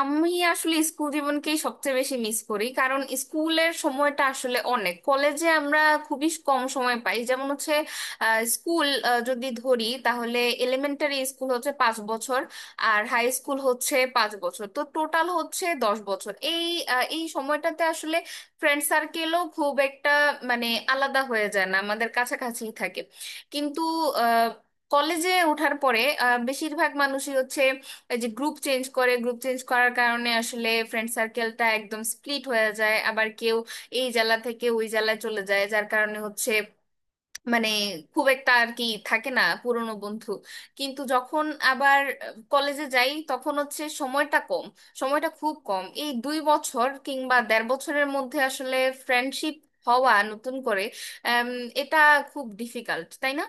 আমি আসলে স্কুল জীবনকেই সবচেয়ে বেশি মিস করি, কারণ স্কুলের সময়টা আসলে অনেক। কলেজে আমরা খুবই কম সময় পাই। যেমন হচ্ছে, স্কুল যদি ধরি তাহলে এলিমেন্টারি স্কুল হচ্ছে 5 বছর, আর হাই স্কুল হচ্ছে 5 বছর, তো টোটাল হচ্ছে 10 বছর। এই এই সময়টাতে আসলে ফ্রেন্ড সার্কেলও খুব একটা মানে আলাদা হয়ে যায় না, আমাদের কাছাকাছি থাকে। কিন্তু আহ, কলেজে ওঠার পরে বেশিরভাগ মানুষই হচ্ছে এই যে গ্রুপ চেঞ্জ করে, গ্রুপ চেঞ্জ করার কারণে আসলে ফ্রেন্ড সার্কেলটা একদম স্প্লিট হয়ে যায়। আবার কেউ এই জেলা থেকে ওই জেলায় চলে যায়, যার কারণে হচ্ছে মানে খুব একটা আর কি থাকে না পুরনো বন্ধু। কিন্তু যখন আবার কলেজে যাই তখন হচ্ছে সময়টা কম, সময়টা খুব কম। এই 2 বছর কিংবা দেড় বছরের মধ্যে আসলে ফ্রেন্ডশিপ হওয়া নতুন করে, আম, এটা খুব ডিফিকাল্ট, তাই না?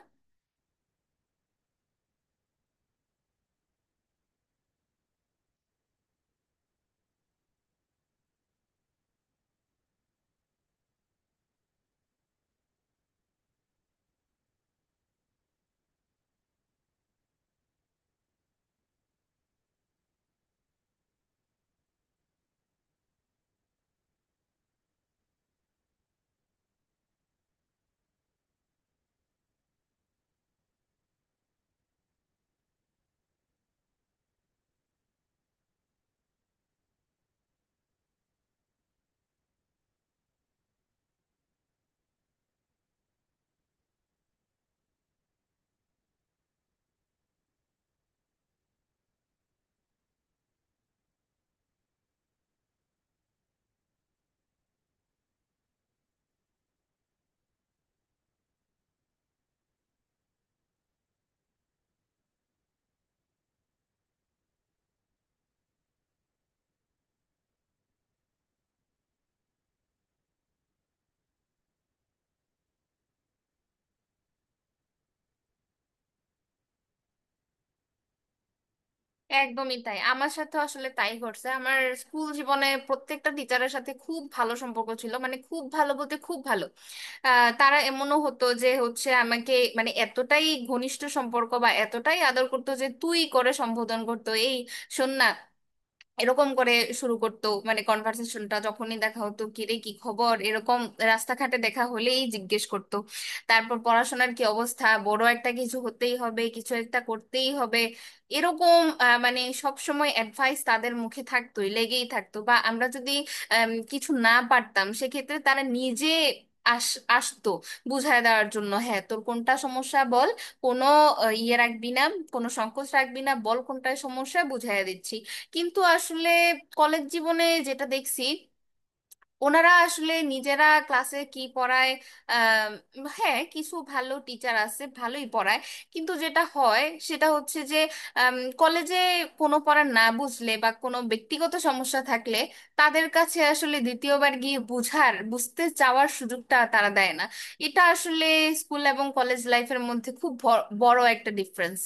একদমই তাই, আমার সাথে আসলে তাই ঘটছে। আমার স্কুল জীবনে প্রত্যেকটা টিচারের সাথে খুব ভালো সম্পর্ক ছিল, মানে খুব ভালো বলতে খুব ভালো। তারা এমনও হতো যে হচ্ছে আমাকে মানে এতটাই ঘনিষ্ঠ সম্পর্ক বা এতটাই আদর করতো যে তুই করে সম্বোধন করতো। এই শোন না, এরকম করে শুরু করতো মানে কনভার্সেশনটা। যখনই দেখা হতো, কি রে কি খবর, এরকম রাস্তাঘাটে দেখা হলেই জিজ্ঞেস করতো। তারপর পড়াশোনার কি অবস্থা, বড় একটা কিছু হতেই হবে, কিছু একটা করতেই হবে, এরকম মানে সব সময় অ্যাডভাইস তাদের মুখে থাকতোই, লেগেই থাকতো। বা আমরা যদি কিছু না পারতাম সেক্ষেত্রে তারা নিজে আস আসতো বুঝায় দেওয়ার জন্য। হ্যাঁ, তোর কোনটা সমস্যা বল, কোনো ইয়ে রাখবি না, কোনো সংকোচ রাখবি না, বল কোনটায় সমস্যা, বুঝাইয়া দিচ্ছি। কিন্তু আসলে কলেজ জীবনে যেটা দেখছি, ওনারা আসলে নিজেরা ক্লাসে কি পড়ায়, আম, হ্যাঁ কিছু ভালো টিচার আছে, ভালোই পড়ায়। কিন্তু যেটা হয় সেটা হচ্ছে যে কলেজে কোনো পড়া না বুঝলে বা কোনো ব্যক্তিগত সমস্যা থাকলে তাদের কাছে আসলে দ্বিতীয়বার গিয়ে বুঝার, বুঝতে চাওয়ার সুযোগটা তারা দেয় না। এটা আসলে স্কুল এবং কলেজ লাইফের মধ্যে খুব বড় একটা ডিফারেন্স।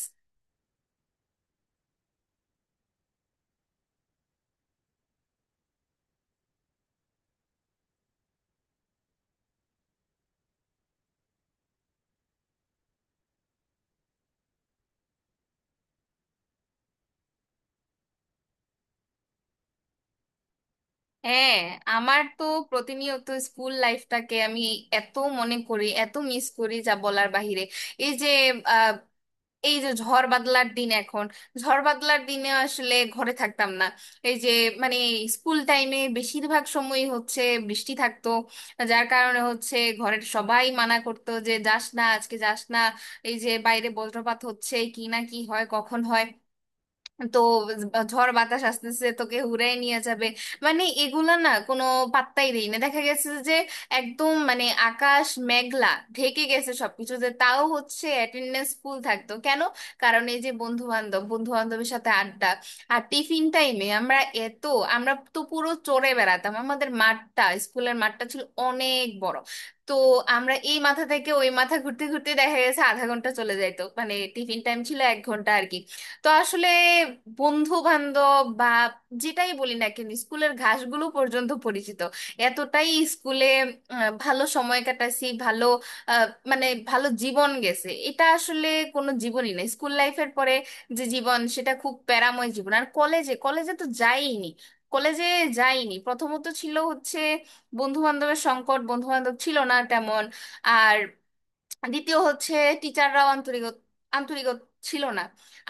হ্যাঁ, আমার তো প্রতিনিয়ত স্কুল লাইফটাকে আমি এত মনে করি, এত মিস করি, যা বলার বাহিরে। এই যে আহ, এই যে ঝড় বাদলার দিন এখন, ঝড় বাদলার দিনে আসলে ঘরে থাকতাম না। এই যে মানে স্কুল টাইমে বেশিরভাগ সময়ই হচ্ছে বৃষ্টি থাকতো, যার কারণে হচ্ছে ঘরের সবাই মানা করতো যে যাস না, আজকে যাস না, এই যে বাইরে বজ্রপাত হচ্ছে, কি না কি হয় কখন হয়, তো ঝড় বাতাস আসতেছে তোকে হুড়াই নিয়ে যাবে। মানে এগুলা না কোনো পাত্তাই দেই না। দেখা গেছে যে একদম মানে আকাশ মেঘলা ঢেকে গেছে সবকিছুতে, তাও হচ্ছে অ্যাটেন্ডেন্স ফুল থাকতো। কেন? কারণ এই যে বন্ধু বান্ধব, বন্ধু বান্ধবের সাথে আড্ডা। আর টিফিন টাইমে আমরা এত, আমরা তো পুরো চড়ে বেড়াতাম। আমাদের মাঠটা, স্কুলের মাঠটা ছিল অনেক বড়, তো আমরা এই মাথা থেকে ওই মাথা ঘুরতে ঘুরতে দেখা গেছে আধা ঘন্টা চলে যাইতো। মানে টিফিন টাইম ছিল 1 ঘন্টা আর কি। তো আসলে বন্ধু বান্ধব বা যেটাই বলি না কেন, স্কুলের ঘাসগুলো পর্যন্ত পরিচিত, এতটাই স্কুলে ভালো সময় কাটাইছি, ভালো মানে ভালো জীবন গেছে। এটা আসলে কোনো জীবনই না স্কুল লাইফের পরে যে জীবন, সেটা খুব প্যারাময় জীবন। আর কলেজে কলেজে তো যাইনি, কলেজে যাইনি। প্রথমত ছিল হচ্ছে বন্ধু বান্ধবের সংকট, বন্ধু বান্ধব ছিল না তেমন। আর দ্বিতীয় হচ্ছে টিচাররাও আন্তরিক, আন্তরিক ছিল না,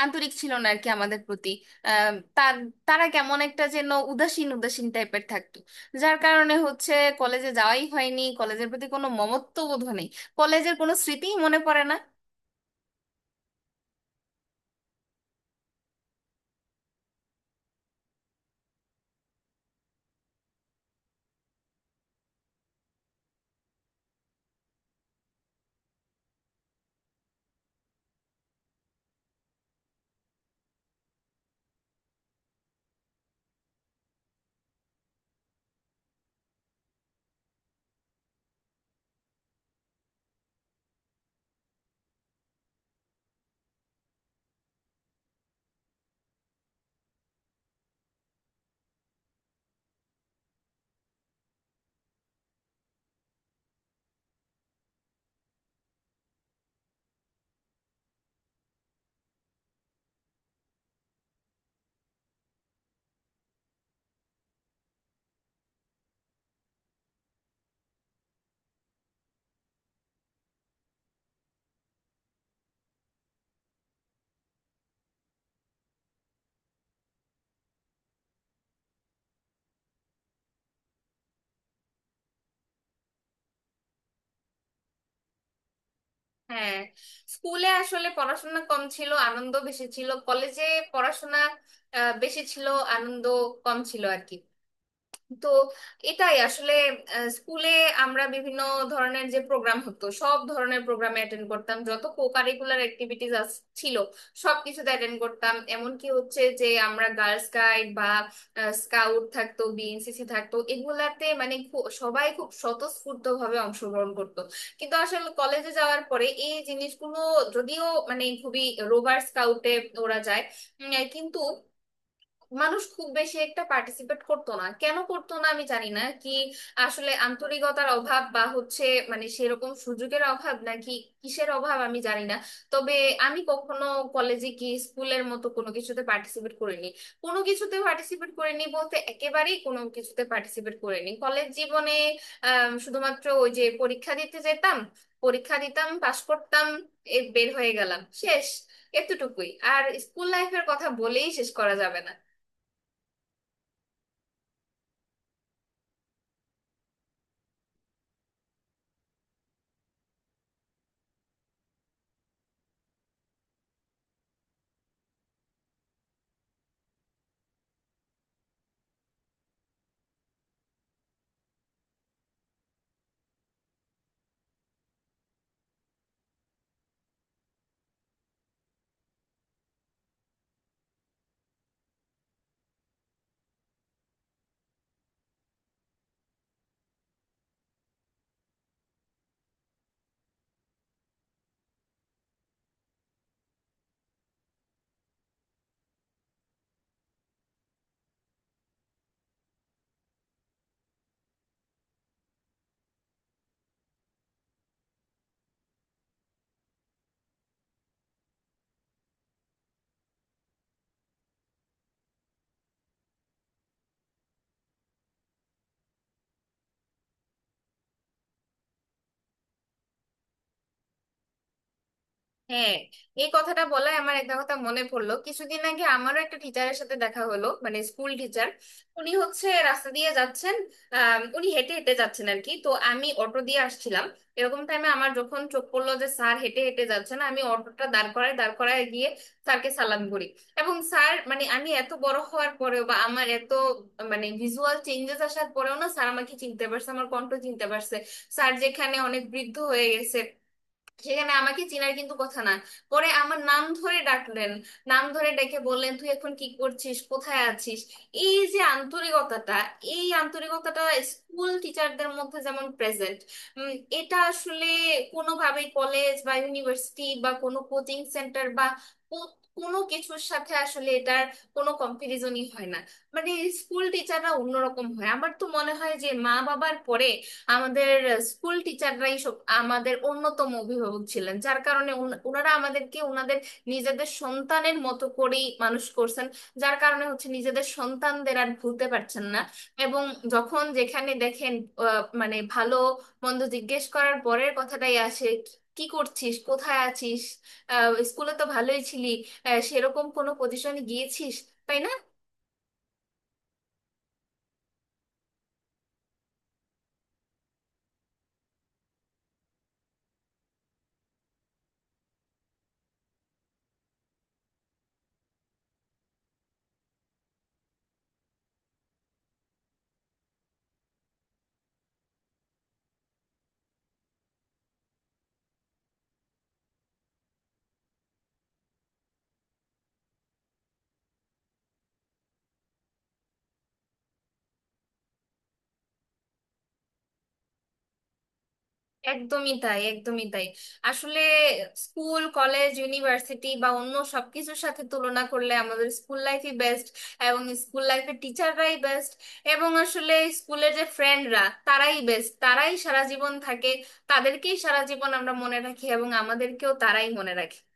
আন্তরিক ছিল না আর কি আমাদের প্রতি। আম, তার তারা কেমন একটা যেন উদাসীন উদাসীন টাইপের থাকতো, যার কারণে হচ্ছে কলেজে যাওয়াই হয়নি। কলেজের প্রতি কোনো মমত্ব বোধ নেই, কলেজের কোনো স্মৃতিই মনে পড়ে না। হ্যাঁ, স্কুলে আসলে পড়াশোনা কম ছিল, আনন্দ বেশি ছিল। কলেজে পড়াশোনা বেশি ছিল, আনন্দ কম ছিল আর কি। তো এটাই আসলে স্কুলে আমরা বিভিন্ন ধরনের যে প্রোগ্রাম হতো, সব ধরনের প্রোগ্রামে অ্যাটেন্ড করতাম। যত কো কারিকুলার অ্যাক্টিভিটিস ছিল সব কিছুতে অ্যাটেন্ড করতাম, এমনকি হচ্ছে যে আমরা গার্লস গাইড বা স্কাউট থাকতো, বিএনসিসি থাকতো, এগুলাতে মানে সবাই খুব স্বতঃস্ফূর্ত ভাবে অংশগ্রহণ করতো। কিন্তু আসলে কলেজে যাওয়ার পরে এই জিনিসগুলো, যদিও মানে খুবই, রোভার স্কাউটে ওরা যায়, কিন্তু মানুষ খুব বেশি একটা পার্টিসিপেট করতো না। কেন করতো না আমি জানি না। কি আসলে আন্তরিকতার অভাব বা হচ্ছে মানে সেরকম সুযোগের অভাব, নাকি কিসের অভাব আমি জানি না। তবে আমি কখনো কলেজে কি স্কুলের মতো কোনো কিছুতে পার্টিসিপেট করিনি। কোনো কিছুতে পার্টিসিপেট করিনি বলতে একেবারেই কোনো কিছুতে পার্টিসিপেট করিনি কলেজ জীবনে। আহ শুধুমাত্র ওই যে পরীক্ষা দিতে যেতাম, পরীক্ষা দিতাম, পাশ করতাম, এ বের হয়ে গেলাম, শেষ। এতটুকুই। আর স্কুল লাইফের কথা বলেই শেষ করা যাবে না। হ্যাঁ, এই কথাটা বলায় আমার একটা কথা মনে পড়লো। কিছুদিন আগে আমারও একটা টিচারের সাথে দেখা হলো, মানে স্কুল টিচার। উনি হচ্ছে রাস্তা দিয়ে যাচ্ছেন, উনি হেঁটে হেঁটে যাচ্ছেন আর কি, তো আমি অটো দিয়ে আসছিলাম। এরকম টাইমে আমার যখন চোখ পড়লো যে স্যার হেঁটে হেঁটে যাচ্ছেন, আমি অটোটা দাঁড় করায়, দাঁড় করায় গিয়ে স্যারকে সালাম করি। এবং স্যার, মানে আমি এত বড় হওয়ার পরেও বা আমার এত মানে ভিজুয়াল চেঞ্জেস আসার পরেও না স্যার আমাকে চিনতে পারছে, আমার কণ্ঠ চিনতে পারছে। স্যার যেখানে অনেক বৃদ্ধ হয়ে গেছে, সেখানে আমাকে চিনার কিন্তু কথা না। পরে আমার নাম ধরে ডাকলেন, নাম ধরে ডেকে বললেন তুই এখন কি করছিস, কোথায় আছিস। এই যে আন্তরিকতাটা, এই আন্তরিকতাটা স্কুল টিচারদের মধ্যে যেমন প্রেজেন্ট, এটা আসলে কোনোভাবেই কলেজ বা ইউনিভার্সিটি বা কোনো কোচিং সেন্টার বা কো- কোনো কিছুর সাথে আসলে এটার কোনো কম্পারিজনই হয় না। মানে স্কুল টিচাররা অন্যরকম হয়। আমার তো মনে হয় যে মা বাবার পরে আমাদের স্কুল টিচাররাই সব, আমাদের অন্যতম অভিভাবক ছিলেন, যার কারণে ওনারা আমাদেরকে ওনাদের নিজেদের সন্তানের মতো করেই মানুষ করছেন, যার কারণে হচ্ছে নিজেদের সন্তানদের আর ভুলতে পারছেন না। এবং যখন যেখানে দেখেন মানে ভালো মন্দ জিজ্ঞেস করার পরের কথাটাই আসে, কি কি করছিস, কোথায় আছিস, স্কুলে তো ভালোই ছিলি, সেরকম কোনো পজিশনে গিয়েছিস, তাই না? একদমই তাই, একদমই তাই। আসলে স্কুল, কলেজ, ইউনিভার্সিটি বা অন্য সবকিছুর সাথে তুলনা করলে আমাদের স্কুল লাইফই বেস্ট, এবং স্কুল লাইফের টিচাররাই বেস্ট, এবং আসলে স্কুলের যে ফ্রেন্ডরা তারাই বেস্ট, তারাই সারা জীবন থাকে, তাদেরকেই সারা জীবন আমরা মনে রাখি এবং আমাদেরকেও তারাই মনে রাখে।